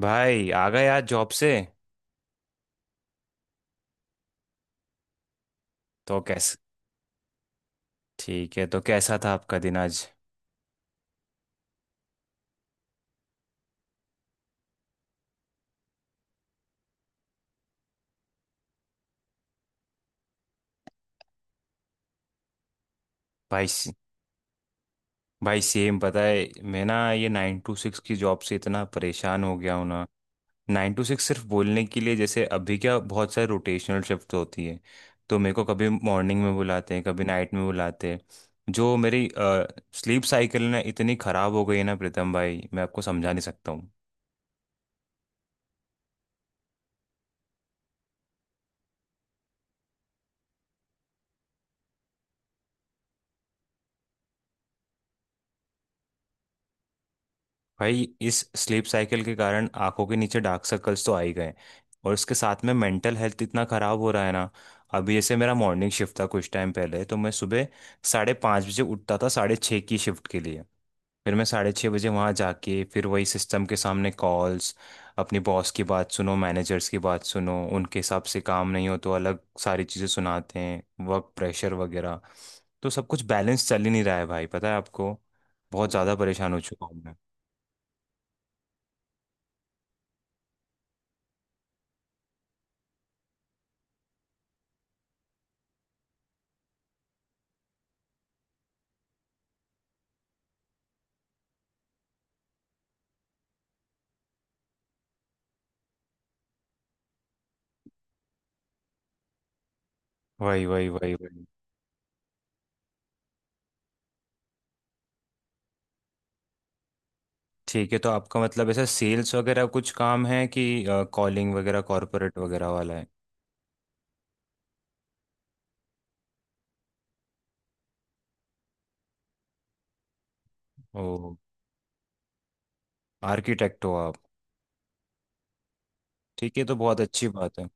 भाई आ गए आज जॉब से। तो कैसे? ठीक है, तो कैसा था आपका दिन आज? भाई से- भाई सेम, पता है। मैं ना ये 9 to 6 की जॉब से इतना परेशान हो गया हूँ ना। 9 to 6 सिर्फ बोलने के लिए, जैसे अभी क्या बहुत सारे रोटेशनल शिफ्ट होती है। तो मेरे को कभी मॉर्निंग में बुलाते हैं, कभी नाइट में बुलाते हैं। जो मेरी स्लीप साइकिल ना इतनी खराब हो गई है ना प्रीतम भाई, मैं आपको समझा नहीं सकता। भाई, इस स्लीप साइकिल के कारण आंखों के नीचे डार्क सर्कल्स तो आ ही गए। और इसके साथ में मेंटल हेल्थ इतना खराब हो रहा है ना। अभी जैसे मेरा मॉर्निंग शिफ्ट था कुछ टाइम पहले, तो मैं सुबह 5:30 बजे उठता था 6:30 की शिफ्ट के लिए। फिर मैं 6:30 बजे वहाँ जाके फिर वही सिस्टम के सामने कॉल्स, अपनी बॉस की बात सुनो, मैनेजर्स की बात सुनो, उनके हिसाब से काम नहीं हो तो अलग सारी चीज़ें सुनाते हैं, वर्क प्रेशर वगैरह। तो सब कुछ बैलेंस चल ही नहीं रहा है भाई, पता है आपको। बहुत ज़्यादा परेशान हो चुका हूँ मैं। वही वही वही वही। ठीक है, तो आपका मतलब ऐसा सेल्स वगैरह कुछ काम है कि कॉलिंग वगैरह, कॉरपोरेट वगैरह वाला है? ओ, आर्किटेक्ट हो आप? ठीक है, तो बहुत अच्छी बात है।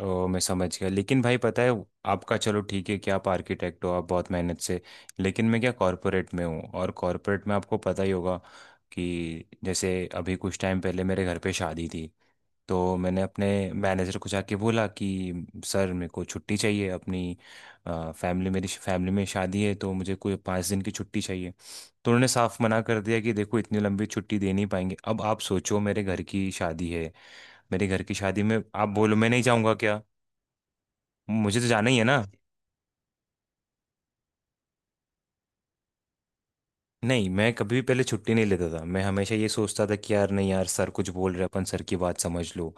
ओ, मैं समझ गया। लेकिन भाई पता है, आपका चलो ठीक है कि आप आर्किटेक्ट हो, आप बहुत मेहनत से। लेकिन मैं क्या कॉरपोरेट में हूँ, और कॉरपोरेट में आपको पता ही होगा कि जैसे अभी कुछ टाइम पहले मेरे घर पे शादी थी। तो मैंने अपने मैनेजर को जाके बोला कि सर मेरे को छुट्टी चाहिए, अपनी फैमिली, मेरी फैमिली में शादी है, तो मुझे कोई 5 दिन की छुट्टी चाहिए। तो उन्होंने साफ मना कर दिया कि देखो इतनी लंबी छुट्टी दे नहीं पाएंगे। अब आप सोचो, मेरे घर की शादी है, मेरे घर की शादी में आप बोलो मैं नहीं जाऊँगा क्या? मुझे तो जाना ही है ना। नहीं, मैं कभी भी पहले छुट्टी नहीं लेता था। मैं हमेशा ये सोचता था कि यार नहीं यार, सर कुछ बोल रहे हैं, अपन सर की बात समझ लो।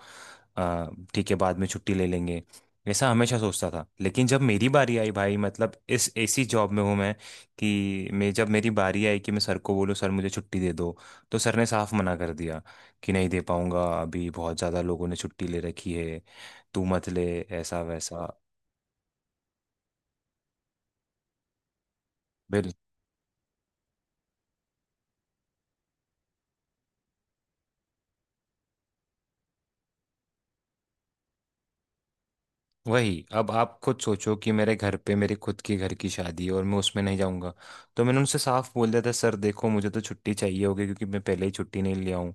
आ, ठीक है, बाद में छुट्टी ले लेंगे। ऐसा हमेशा सोचता था, लेकिन जब मेरी बारी आई भाई, मतलब इस ऐसी जॉब में हूँ मैं कि मैं जब मेरी बारी आई कि मैं सर को बोलूँ सर मुझे छुट्टी दे दो, तो सर ने साफ मना कर दिया कि नहीं दे पाऊंगा, अभी बहुत ज़्यादा लोगों ने छुट्टी ले रखी है, तू मत ले, ऐसा वैसा। वही, अब आप खुद सोचो कि मेरे घर पे, मेरे खुद के घर की शादी है और मैं उसमें नहीं जाऊंगा? तो मैंने उनसे साफ बोल दिया था सर देखो मुझे तो छुट्टी चाहिए होगी, क्योंकि मैं पहले ही छुट्टी नहीं लिया हूँ।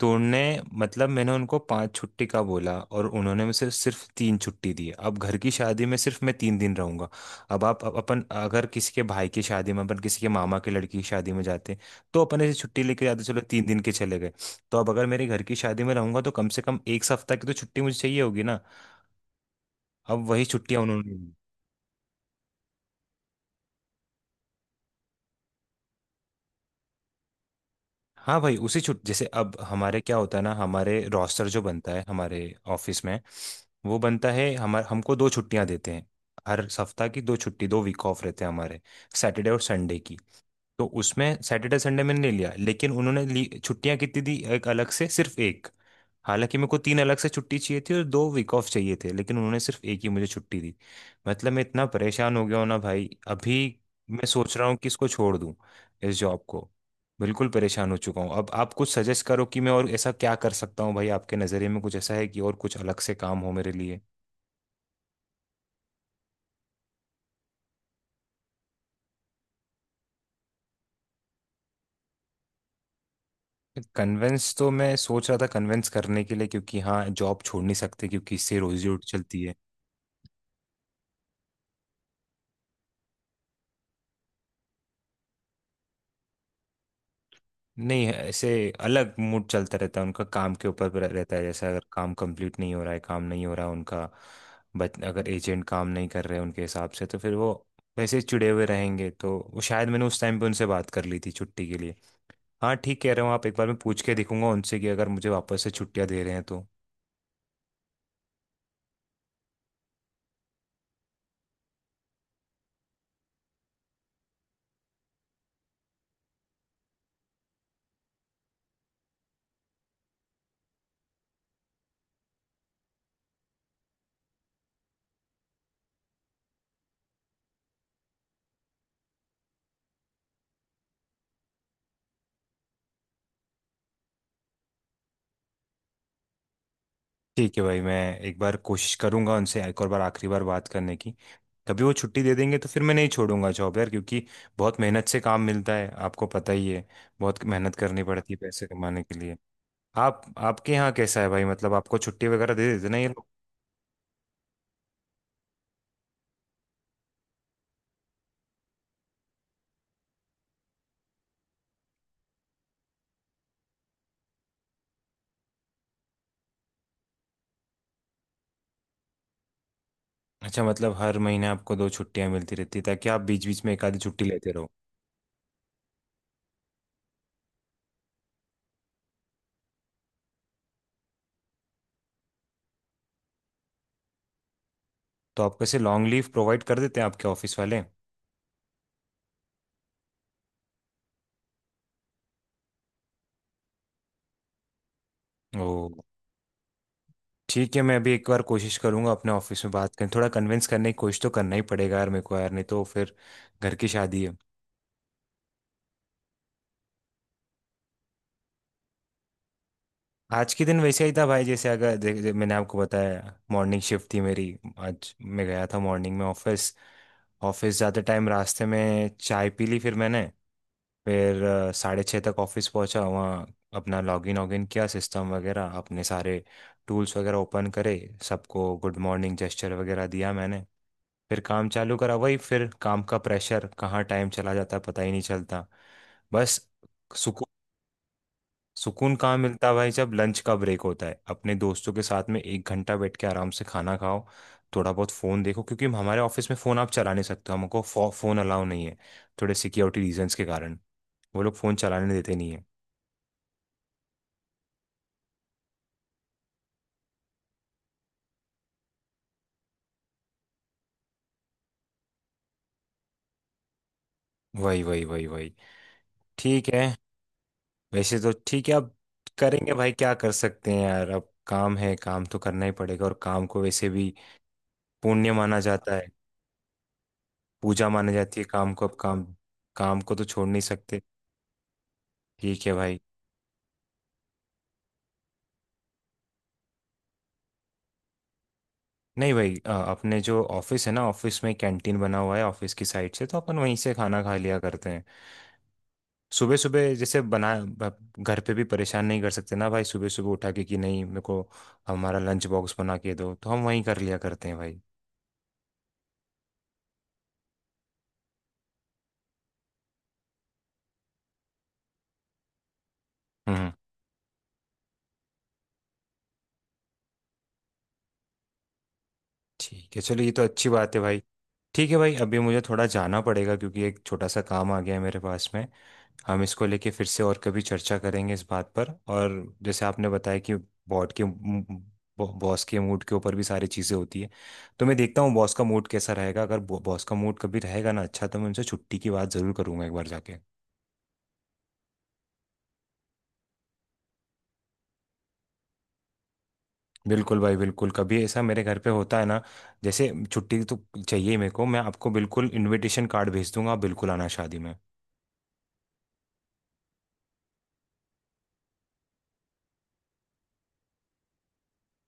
तो उनने, मतलब मैंने उनको 5 छुट्टी का बोला, और उन्होंने मुझे सिर्फ सिर्फ 3 छुट्टी दी। अब घर की शादी में सिर्फ मैं 3 दिन रहूंगा। अब आप अपन अगर किसी के भाई की शादी में, अपन किसी के मामा की लड़की की शादी में जाते तो अपन ऐसे छुट्टी लेके जाते, चलो 3 दिन के चले गए। तो अब अगर मेरे घर की शादी में रहूंगा तो कम से कम 1 सप्ताह की तो छुट्टी मुझे चाहिए होगी ना। अब वही छुट्टियां उन्होंने ली। हाँ भाई, उसी छुट जैसे, अब हमारे क्या होता है ना, हमारे रोस्टर जो बनता है हमारे ऑफिस में, वो बनता है हमारे, हमको 2 छुट्टियां देते हैं, हर सप्ताह की 2 छुट्टी, 2 वीक ऑफ रहते हैं हमारे सैटरडे और संडे की। तो उसमें सैटरडे संडे मैंने नहीं लिया, लेकिन उन्होंने छुट्टियां कितनी दी, एक, अलग से सिर्फ एक। हालांकि मेरे को 3 अलग से छुट्टी चाहिए थी और 2 वीक ऑफ चाहिए थे, लेकिन उन्होंने सिर्फ एक ही मुझे छुट्टी दी। मतलब मैं इतना परेशान हो गया हूं ना भाई अभी, मैं सोच रहा हूँ कि इसको छोड़ दूं, इस जॉब को। बिल्कुल परेशान हो चुका हूँ। अब आप कुछ सजेस्ट करो कि मैं और ऐसा क्या कर सकता हूँ भाई, आपके नज़रिए में कुछ ऐसा है कि और कुछ अलग से काम हो मेरे लिए? कन्वेंस तो मैं सोच रहा था, कन्वेंस करने के लिए, क्योंकि हाँ जॉब छोड़ नहीं सकते क्योंकि इससे रोजी रोटी चलती है। नहीं ऐसे, अलग मूड चलता रहता है उनका, काम के ऊपर रहता है। जैसे अगर काम कंप्लीट नहीं हो रहा है, काम नहीं हो रहा उनका, बच अगर एजेंट काम नहीं कर रहे उनके हिसाब से, तो फिर वो वैसे ही चिड़े हुए रहेंगे। तो वो शायद, मैंने उस टाइम पे उनसे बात कर ली थी छुट्टी के लिए। हाँ, ठीक कह रहे हो आप, एक बार मैं पूछ के देखूंगा उनसे कि अगर मुझे वापस से छुट्टियां दे रहे हैं तो। ठीक है भाई, मैं एक बार कोशिश करूंगा उनसे, एक और बार, आखिरी बार बात करने की। कभी वो छुट्टी दे देंगे तो फिर मैं नहीं छोड़ूंगा जॉब यार, क्योंकि बहुत मेहनत से काम मिलता है आपको पता ही है। बहुत मेहनत करनी पड़ती है पैसे कमाने के लिए। आप, आपके यहाँ कैसा है भाई, मतलब आपको छुट्टी वगैरह दे देते ना ये लोग? अच्छा, मतलब हर महीने आपको 2 छुट्टियां मिलती रहती है, ताकि आप बीच बीच में एक आधी छुट्टी लेते रहो। तो आप कैसे लॉन्ग लीव प्रोवाइड कर देते हैं आपके ऑफिस वाले? ओ, ठीक है, मैं अभी एक बार कोशिश करूंगा अपने ऑफिस में बात करने, थोड़ा कन्विंस करने की कोशिश तो करना ही पड़ेगा यार मेरे को यार, नहीं तो फिर घर की शादी है। आज के दिन वैसे ही था भाई, जैसे अगर दे, दे, मैंने आपको बताया मॉर्निंग शिफ्ट थी मेरी। आज मैं गया था मॉर्निंग में ऑफिस। ऑफिस जाते टाइम रास्ते में चाय पी ली, फिर मैंने, फिर 6:30 तक ऑफिस पहुंचा वहाँ, अपना लॉगिन वॉगिन किया, सिस्टम वगैरह अपने सारे टूल्स वगैरह ओपन करे। सबको गुड मॉर्निंग जेस्चर वगैरह दिया मैंने। फिर काम चालू करा, वही फिर काम का प्रेशर, कहाँ टाइम चला जाता है पता ही नहीं चलता। बस, सुकून, सुकून कहाँ मिलता है भाई, जब लंच का ब्रेक होता है अपने दोस्तों के साथ में 1 घंटा बैठ के आराम से खाना खाओ, थोड़ा बहुत फ़ोन देखो, क्योंकि हमारे ऑफिस में फ़ोन आप चला नहीं सकते हो, हमको फ़ोन अलाउ नहीं है, थोड़े सिक्योरिटी रीजंस के कारण। वो लोग फ़ोन चलाने देते नहीं है। वही वही वही वही। ठीक है। वैसे तो ठीक है, अब करेंगे भाई, क्या कर सकते हैं यार, अब काम है, काम तो करना ही पड़ेगा। और काम को वैसे भी पुण्य माना जाता है, पूजा मानी जाती है काम को। अब काम, काम को तो छोड़ नहीं सकते। ठीक है भाई। नहीं भाई, अपने जो ऑफिस है ना, ऑफिस में कैंटीन बना हुआ है ऑफिस की साइड से, तो अपन वहीं से खाना खा लिया करते हैं। सुबह सुबह जैसे घर पे भी परेशान नहीं कर सकते ना भाई, सुबह सुबह उठा के कि नहीं मेरे को हमारा लंच बॉक्स बना के दो, तो हम वहीं कर लिया करते हैं भाई। हम्म। ठीक है, चलो ये तो अच्छी बात है भाई। ठीक है भाई, अभी मुझे थोड़ा जाना पड़ेगा क्योंकि एक छोटा सा काम आ गया है मेरे पास में। हम इसको लेके फिर से और कभी चर्चा करेंगे इस बात पर। और जैसे आपने बताया कि बॉट के बॉस के मूड के ऊपर भी सारी चीज़ें होती है, तो मैं देखता हूँ बॉस का मूड कैसा रहेगा, अगर बॉस का मूड कभी रहेगा ना अच्छा, तो मैं उनसे छुट्टी की बात ज़रूर करूंगा एक बार जाके। बिल्कुल भाई, बिल्कुल, कभी ऐसा मेरे घर पे होता है ना, जैसे छुट्टी तो चाहिए ही मेरे को, मैं आपको बिल्कुल इनविटेशन कार्ड भेज दूंगा, आप बिल्कुल आना शादी में।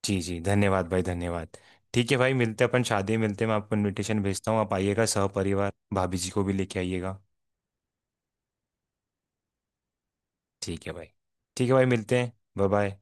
जी जी, धन्यवाद भाई, धन्यवाद। ठीक है भाई, मिलते हैं, अपन शादी में मिलते हैं, मैं आपको इनविटेशन भेजता हूँ, आप आइएगा सहपरिवार, भाभी जी को भी लेके आइएगा। ठीक है भाई। ठीक है भाई, मिलते हैं। Bye bye.